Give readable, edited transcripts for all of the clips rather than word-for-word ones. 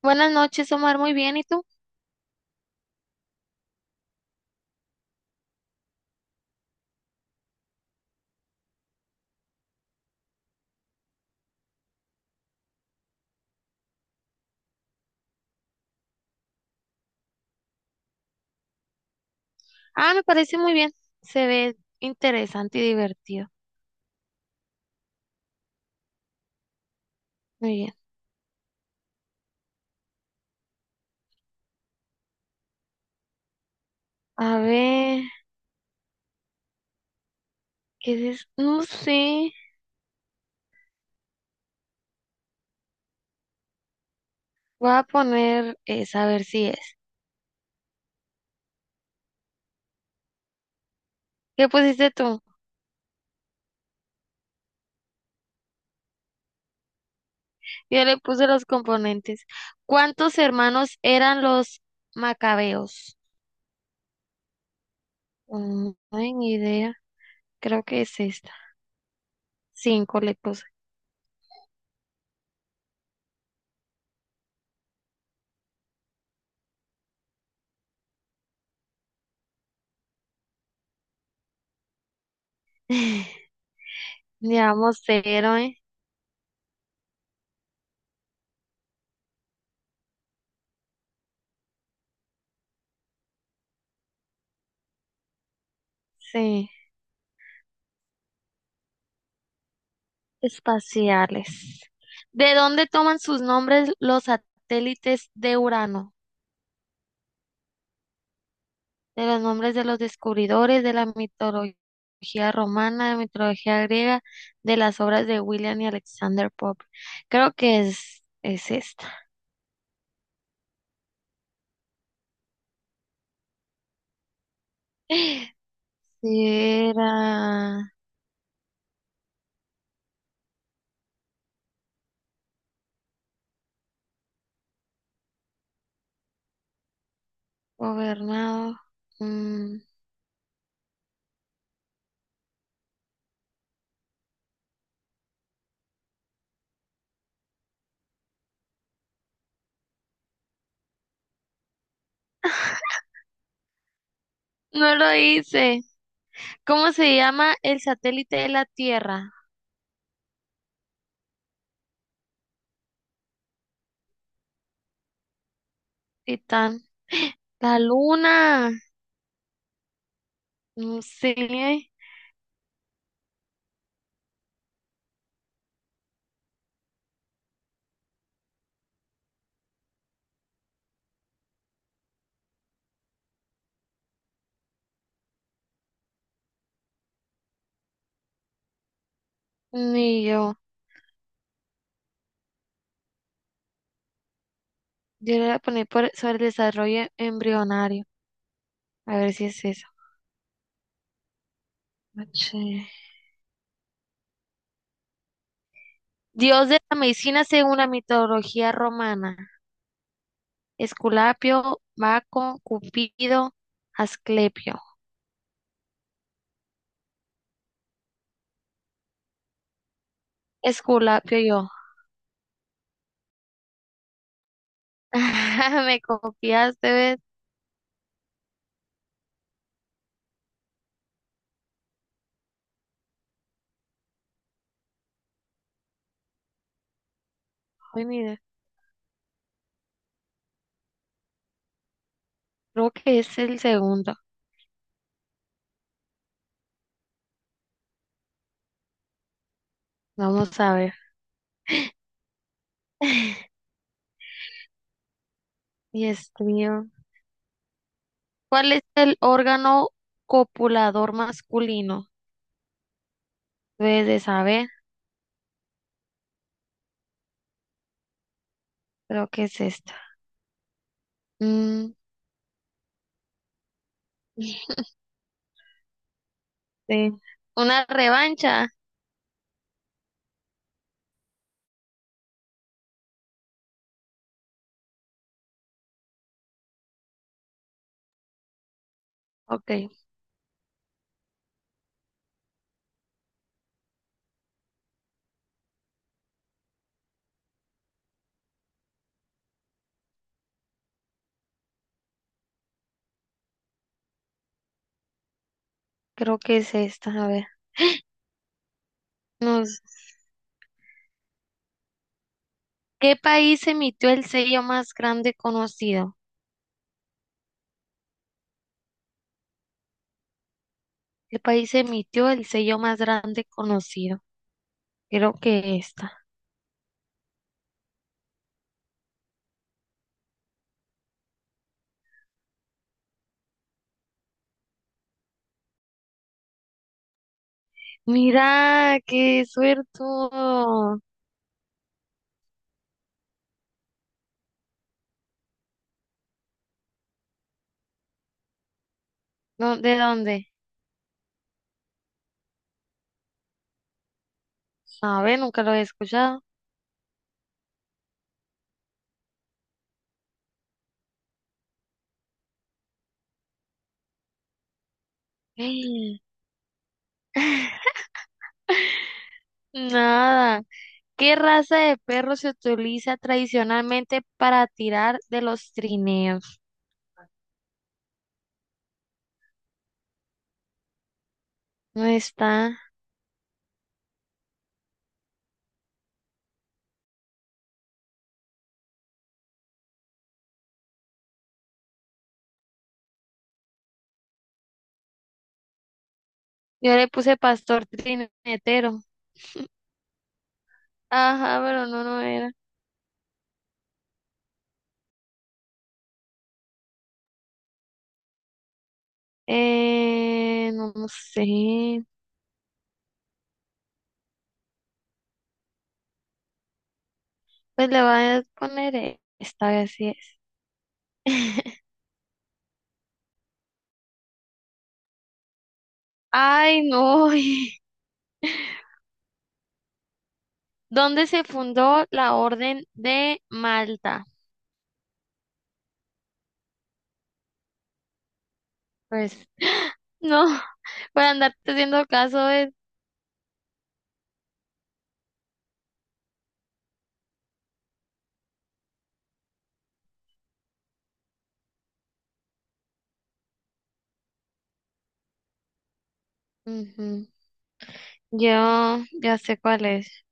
Buenas noches, Omar. Muy bien. ¿Y tú? Ah, me parece muy bien. Se ve interesante y divertido. Muy bien. A ver, ¿qué es? No sé. Voy a poner es, a ver si es. ¿Qué pusiste tú? Yo le puse los componentes. ¿Cuántos hermanos eran los macabeos? No hay ni idea. Creo que es esta. Cinco le puse. Llevamos cero, ¿eh? Sí. Espaciales. ¿De dónde toman sus nombres los satélites de Urano? De los nombres de los descubridores, de la mitología romana, de la mitología griega, de las obras de William y Alexander Pope. Creo que es esta. Si era gobernado. mm, no lo hice. ¿Cómo se llama el satélite de la Tierra? Titán. La luna. No sé. Ni yo. Yo le voy a poner por, sobre el desarrollo embrionario. A ver si es eso. H. Dios de la medicina según la mitología romana. Esculapio, Baco, Cupido, Asclepio. Esculapio yo. Me copiaste, ¿ves? Ay, mira, creo que es el segundo. Vamos a ver. Dios mío. ¿Cuál es el órgano copulador masculino? Debes de saber. Creo que es esta. Mm. De una revancha. Ok, creo que es esta. A ver. Nos, ¿qué país emitió el sello más grande conocido? ¿Qué país emitió el sello más grande conocido? Creo que esta. Mira, qué suertudo. ¿Dó- ¿De dónde? A ver, nunca lo he escuchado. Nada. ¿Qué raza de perro se utiliza tradicionalmente para tirar de los trineos? No está. Yo le puse pastor trinetero. Ajá, pero no, no era. No, no sé. Pues le voy a poner esta vez sí es. Ay, no. ¿Dónde se fundó la Orden de Malta? Pues no, por andarte haciendo caso es... Ujú. Yo ya sé cuál es.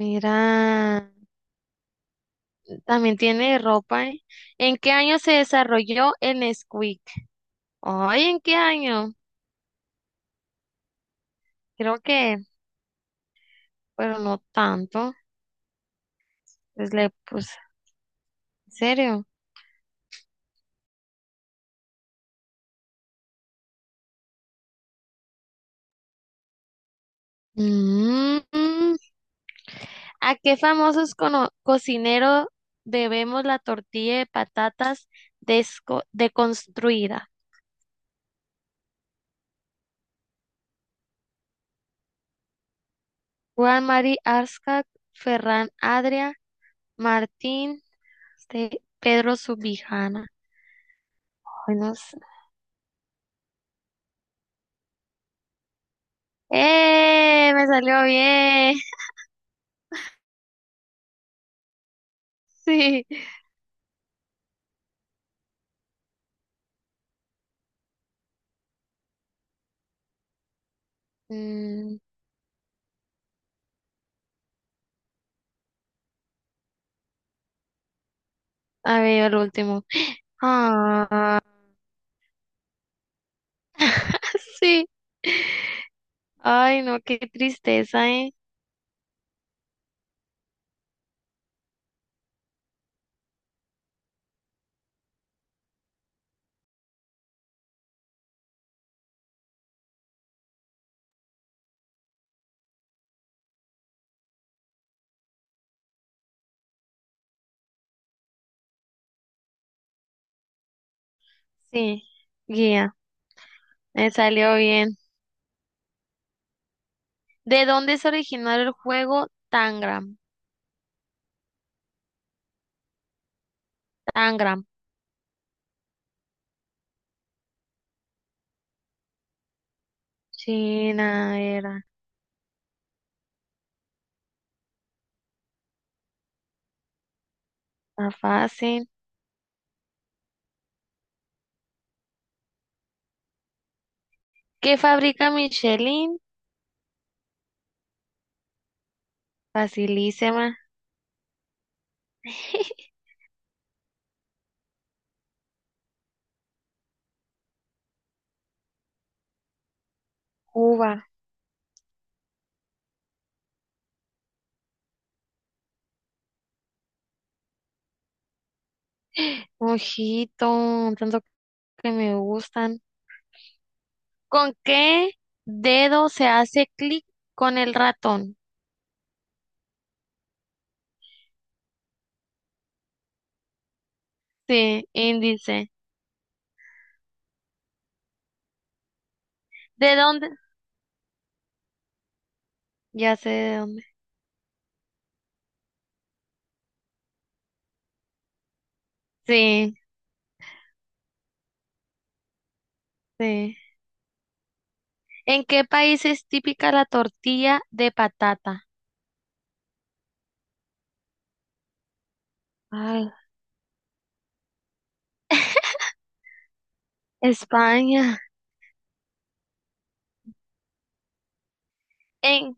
Mira, también tiene ropa, ¿eh? ¿En qué año se desarrolló el Nesquik? Ay, ¿en qué año? Creo que, pero no tanto. Entonces le puse, ¿en serio? Mm, ¿A qué famosos cocinero debemos la tortilla de patatas deconstruida? Juan Mari Arzak, Ferran Adria, Martín, este, Pedro Subijana. Ay, no sé. ¡Eh! Me salió bien. Sí. Mm, a ver, el último. Ah, sí. Ay, no, qué tristeza, ¿eh? Sí, guía, me salió bien. ¿De dónde se originó el juego Tangram? Tangram. China era. Está fácil. ¿Qué fabrica Michelin? Facilísima. Cuba. Ojito, tanto que me gustan. ¿Con qué dedo se hace clic con el ratón? Sí, índice. ¿De dónde? Ya sé de dónde. Sí, sí. ¿En qué país es típica la tortilla de patata? Ay, España. En,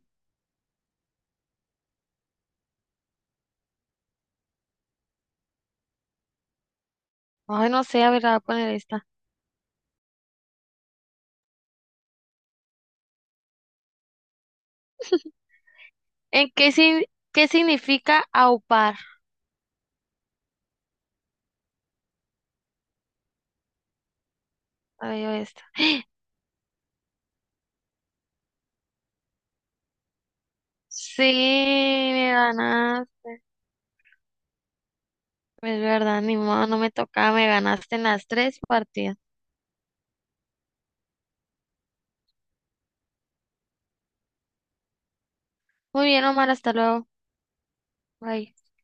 ay, no sé, a ver, la voy a poner esta. ¿En qué, qué significa aupar? Ay, yo esta. Sí, me ganaste. Es verdad, ni modo, no me tocaba, me ganaste en las tres partidas. Muy bien, Omar, hasta luego. Bye.